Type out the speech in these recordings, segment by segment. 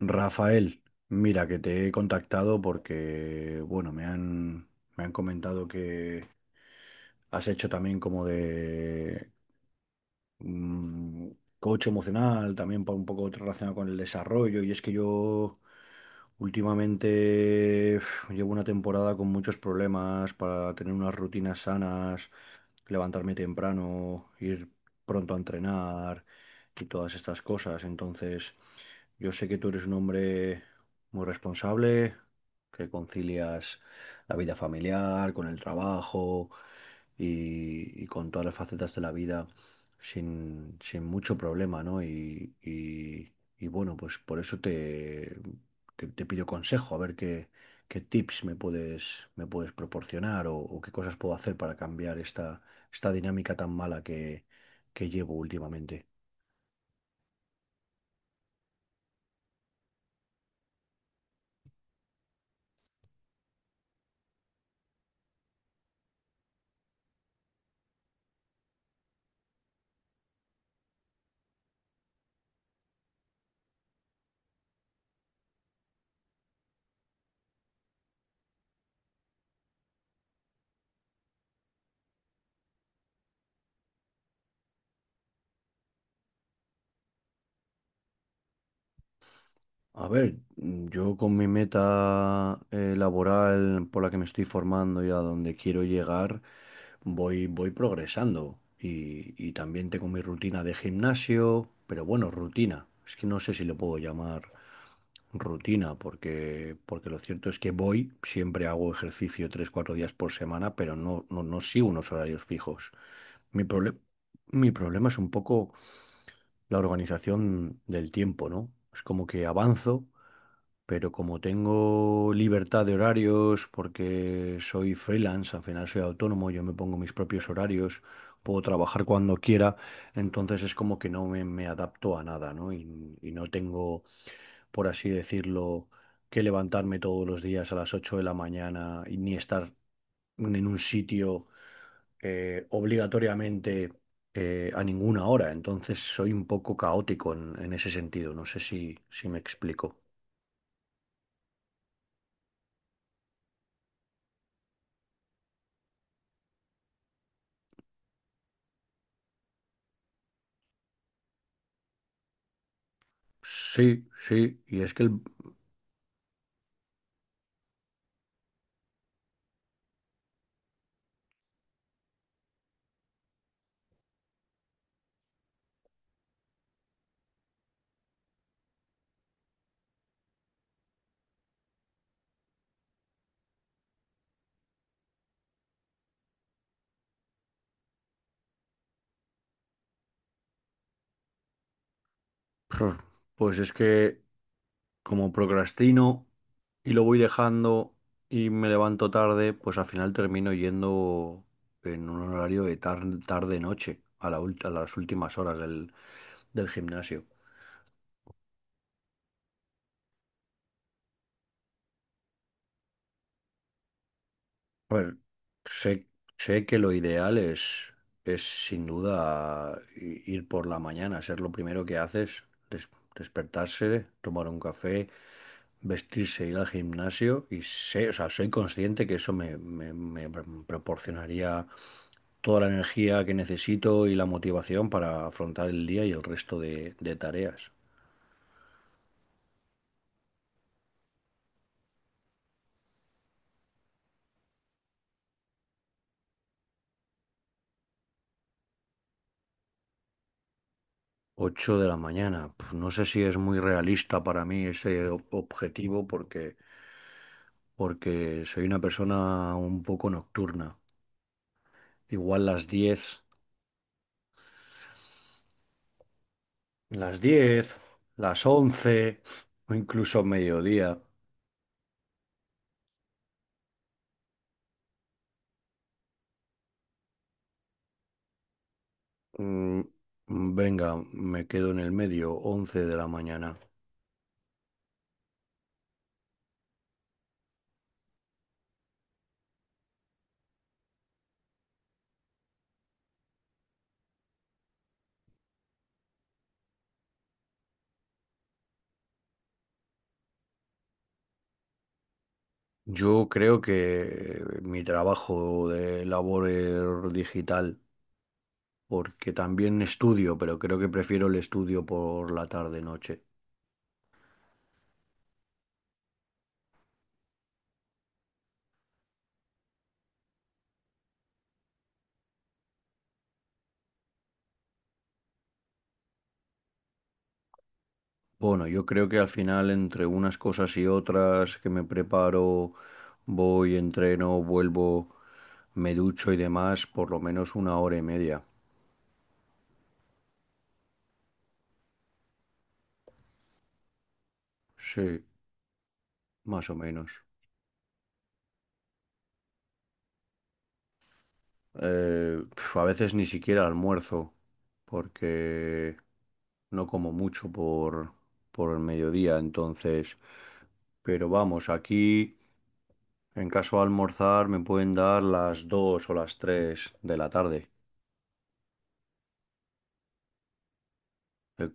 Rafael, mira que te he contactado porque, bueno, me han comentado que, has hecho también como de mm, coach emocional, también para un poco relacionado con el desarrollo. Y es que yo últimamente llevo una temporada con muchos problemas para tener unas rutinas sanas, levantarme temprano, ir pronto a entrenar y todas estas cosas. Entonces, yo sé que tú eres un hombre muy responsable, que concilias la vida familiar con el trabajo y con todas las facetas de la vida sin mucho problema, ¿no? Y bueno, pues por eso te pido consejo, a ver qué, qué tips me puedes proporcionar o qué cosas puedo hacer para cambiar esta dinámica tan mala que llevo últimamente. A ver, yo con mi meta laboral por la que me estoy formando y a donde quiero llegar, voy progresando. Y también tengo mi rutina de gimnasio, pero bueno, rutina. Es que no sé si lo puedo llamar rutina, porque lo cierto es que voy, siempre hago ejercicio tres, cuatro días por semana, pero no sigo unos horarios fijos. Mi proble- Mi problema es un poco la organización del tiempo, ¿no? Es como que avanzo pero como tengo libertad de horarios, porque soy freelance, al final soy autónomo, yo me pongo mis propios horarios, puedo trabajar cuando quiera, entonces es como que no me, me adapto a nada, ¿no? Y no tengo, por así decirlo, que levantarme todos los días a las 8 de la mañana y ni estar en un sitio obligatoriamente a ninguna hora. Entonces soy un poco caótico en ese sentido. No sé si me explico. Sí, sí, y es que el... Pues es que como procrastino y lo voy dejando y me levanto tarde, pues al final termino yendo en un horario de tarde-noche, a las últimas horas del gimnasio. A ver, sé, sé que lo ideal es sin duda ir por la mañana, ser lo primero que haces, des- despertarse, tomar un café, vestirse, ir al gimnasio y sé, o sea, soy consciente que eso proporcionaría toda la energía que necesito y la motivación para afrontar el día y el resto de tareas. Ocho de la mañana. No sé si es muy realista para mí ese objetivo porque soy una persona un poco nocturna. Igual las diez, las diez, las 11 o incluso mediodía. Mm, Venga, me quedo en el medio, 11 de la mañana. Yo creo que mi trabajo de labor digital, porque también estudio, pero creo que prefiero el estudio por la tarde-noche. Bueno, yo creo que al final entre unas cosas y otras que me preparo, voy, entreno, vuelvo, me ducho y demás, por lo menos una hora y media. Sí, más o menos. A veces ni siquiera almuerzo, porque no como mucho por el mediodía, entonces... Pero vamos, aquí, en caso de almorzar, me pueden dar las 2 o las 3 de la tarde. Eh,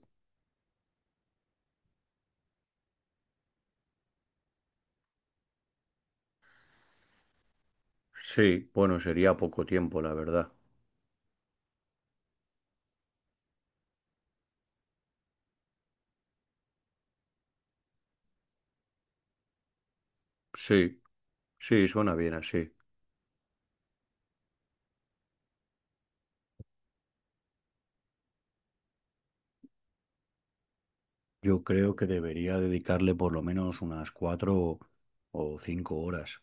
sí, bueno, sería poco tiempo, la verdad. Sí, sí, suena bien así. Yo creo que debería dedicarle por lo menos unas 4 o 5 horas.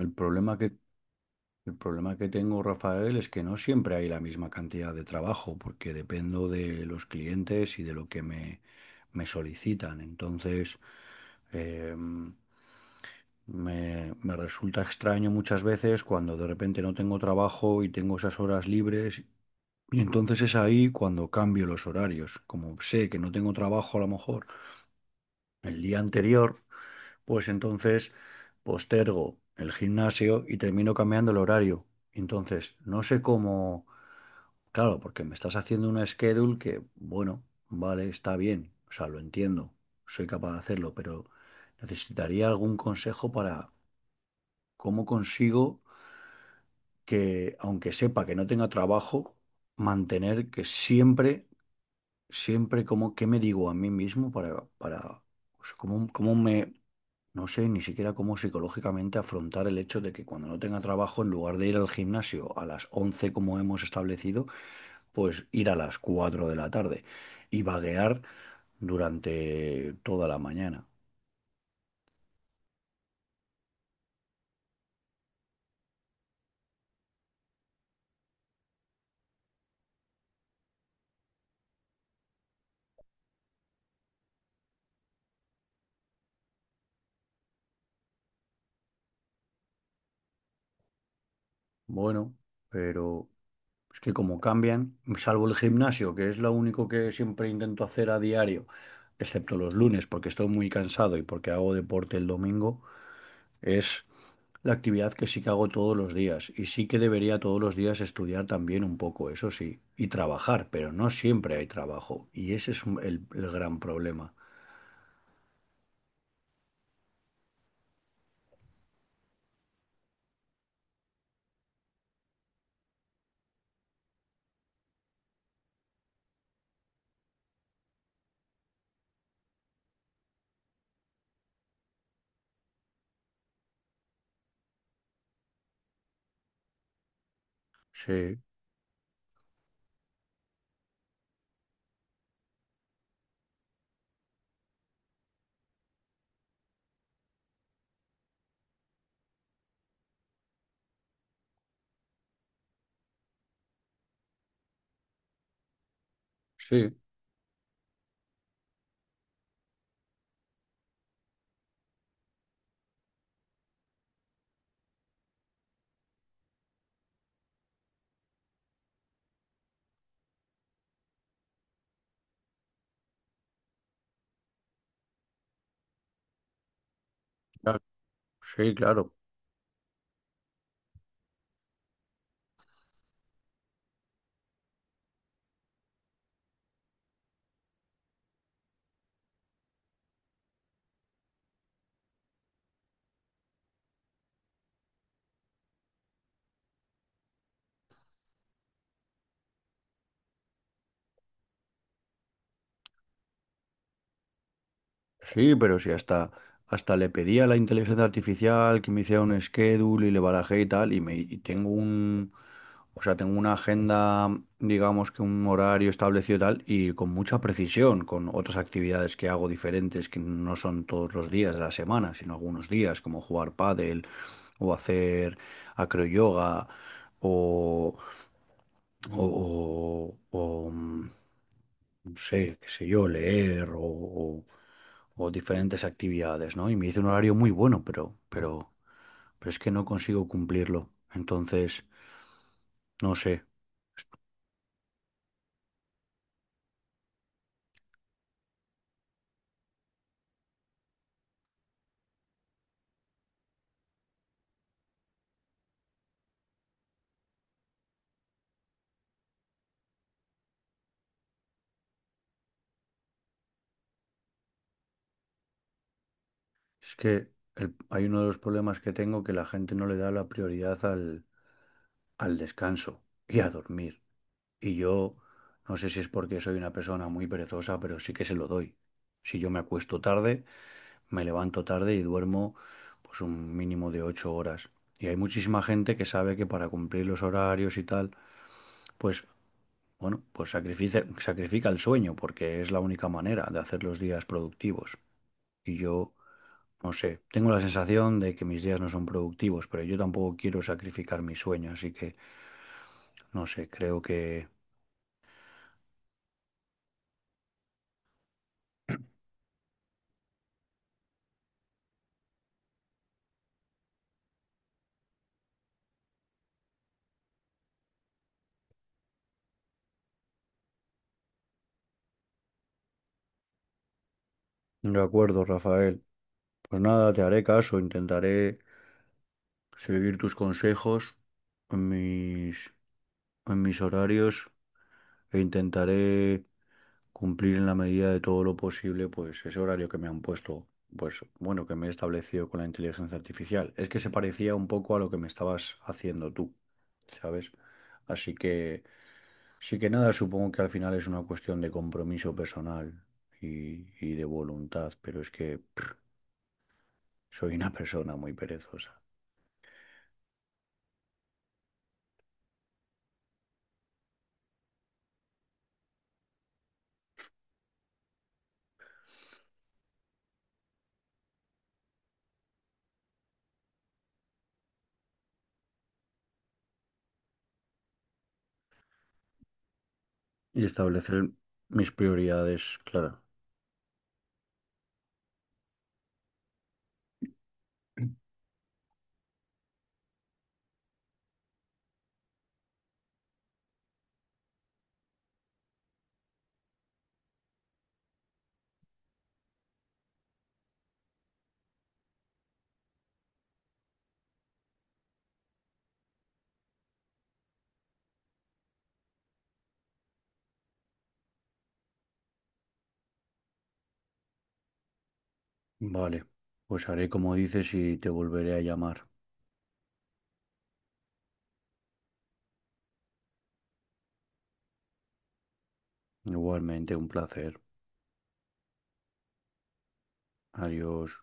El problema que El problema que tengo, Rafael, es que no siempre hay la misma cantidad de trabajo, porque dependo de los clientes y de lo que me solicitan. Entonces, eh, me resulta extraño muchas veces cuando de repente no tengo trabajo y tengo esas horas libres. Y entonces es ahí cuando cambio los horarios. Como sé que no tengo trabajo a lo mejor el día anterior, pues entonces postergo el gimnasio y termino cambiando el horario. Entonces, no sé cómo... Claro, porque me estás haciendo una schedule que, bueno, vale, está bien, o sea, lo entiendo, soy capaz de hacerlo, pero necesitaría algún consejo para cómo consigo que, aunque sepa que no tenga trabajo, mantener que siempre siempre como qué me digo a mí mismo o sea, cómo me, no sé ni siquiera cómo psicológicamente afrontar el hecho de que cuando no tenga trabajo, en lugar de ir al gimnasio a las 11 como hemos establecido, pues ir a las 4 de la tarde y vaguear durante toda la mañana. Bueno, pero es que como cambian, salvo el gimnasio, que es lo único que siempre intento hacer a diario, excepto los lunes porque estoy muy cansado y porque hago deporte el domingo. Es la actividad que sí que hago todos los días y sí que debería todos los días estudiar también un poco, eso sí, y trabajar, pero no siempre hay trabajo y ese es el gran problema. Sí, sí, claro, sí, claro. Sí, pero si hasta le pedí a la inteligencia artificial que me hiciera un schedule y le barajé y tal, y tengo un, o sea, tengo una agenda, digamos que un horario establecido y tal, y con mucha precisión, con otras actividades que hago diferentes, que no son todos los días de la semana, sino algunos días, como jugar pádel, o hacer acroyoga, o, o, o- o, mm, no sé, qué sé yo, leer, o diferentes actividades, ¿no? Y me dice un horario muy bueno, pero es que no consigo cumplirlo. Entonces, no sé. Es que hay uno de los problemas que tengo que la gente no le da la prioridad al descanso y a dormir. Y yo no sé si es porque soy una persona muy perezosa, pero sí que se lo doy. Si yo me acuesto tarde, me levanto tarde y duermo pues un mínimo de ocho horas. Y hay muchísima gente que sabe que para cumplir los horarios y tal, pues bueno, pues sacrifica, sacrifica el sueño porque es la única manera de hacer los días productivos. Y yo, no sé, tengo la sensación de que mis días no son productivos, pero yo tampoco quiero sacrificar mi sueño, así que, no sé, creo que... De acuerdo, Rafael. Pues nada, te haré caso, intentaré seguir tus consejos en mis, en mis horarios e intentaré cumplir en la medida de todo lo posible, pues ese horario que me han puesto, pues bueno, que me he establecido con la inteligencia artificial. Es que se parecía un poco a lo que me estabas haciendo tú, ¿sabes? Así que sí que nada, supongo que al final es una cuestión de compromiso personal y de voluntad, pero es que soy una persona muy perezosa. Y establecer mis prioridades, claro. Vale, pues haré como dices y te volveré a llamar. Igualmente, un placer. Adiós.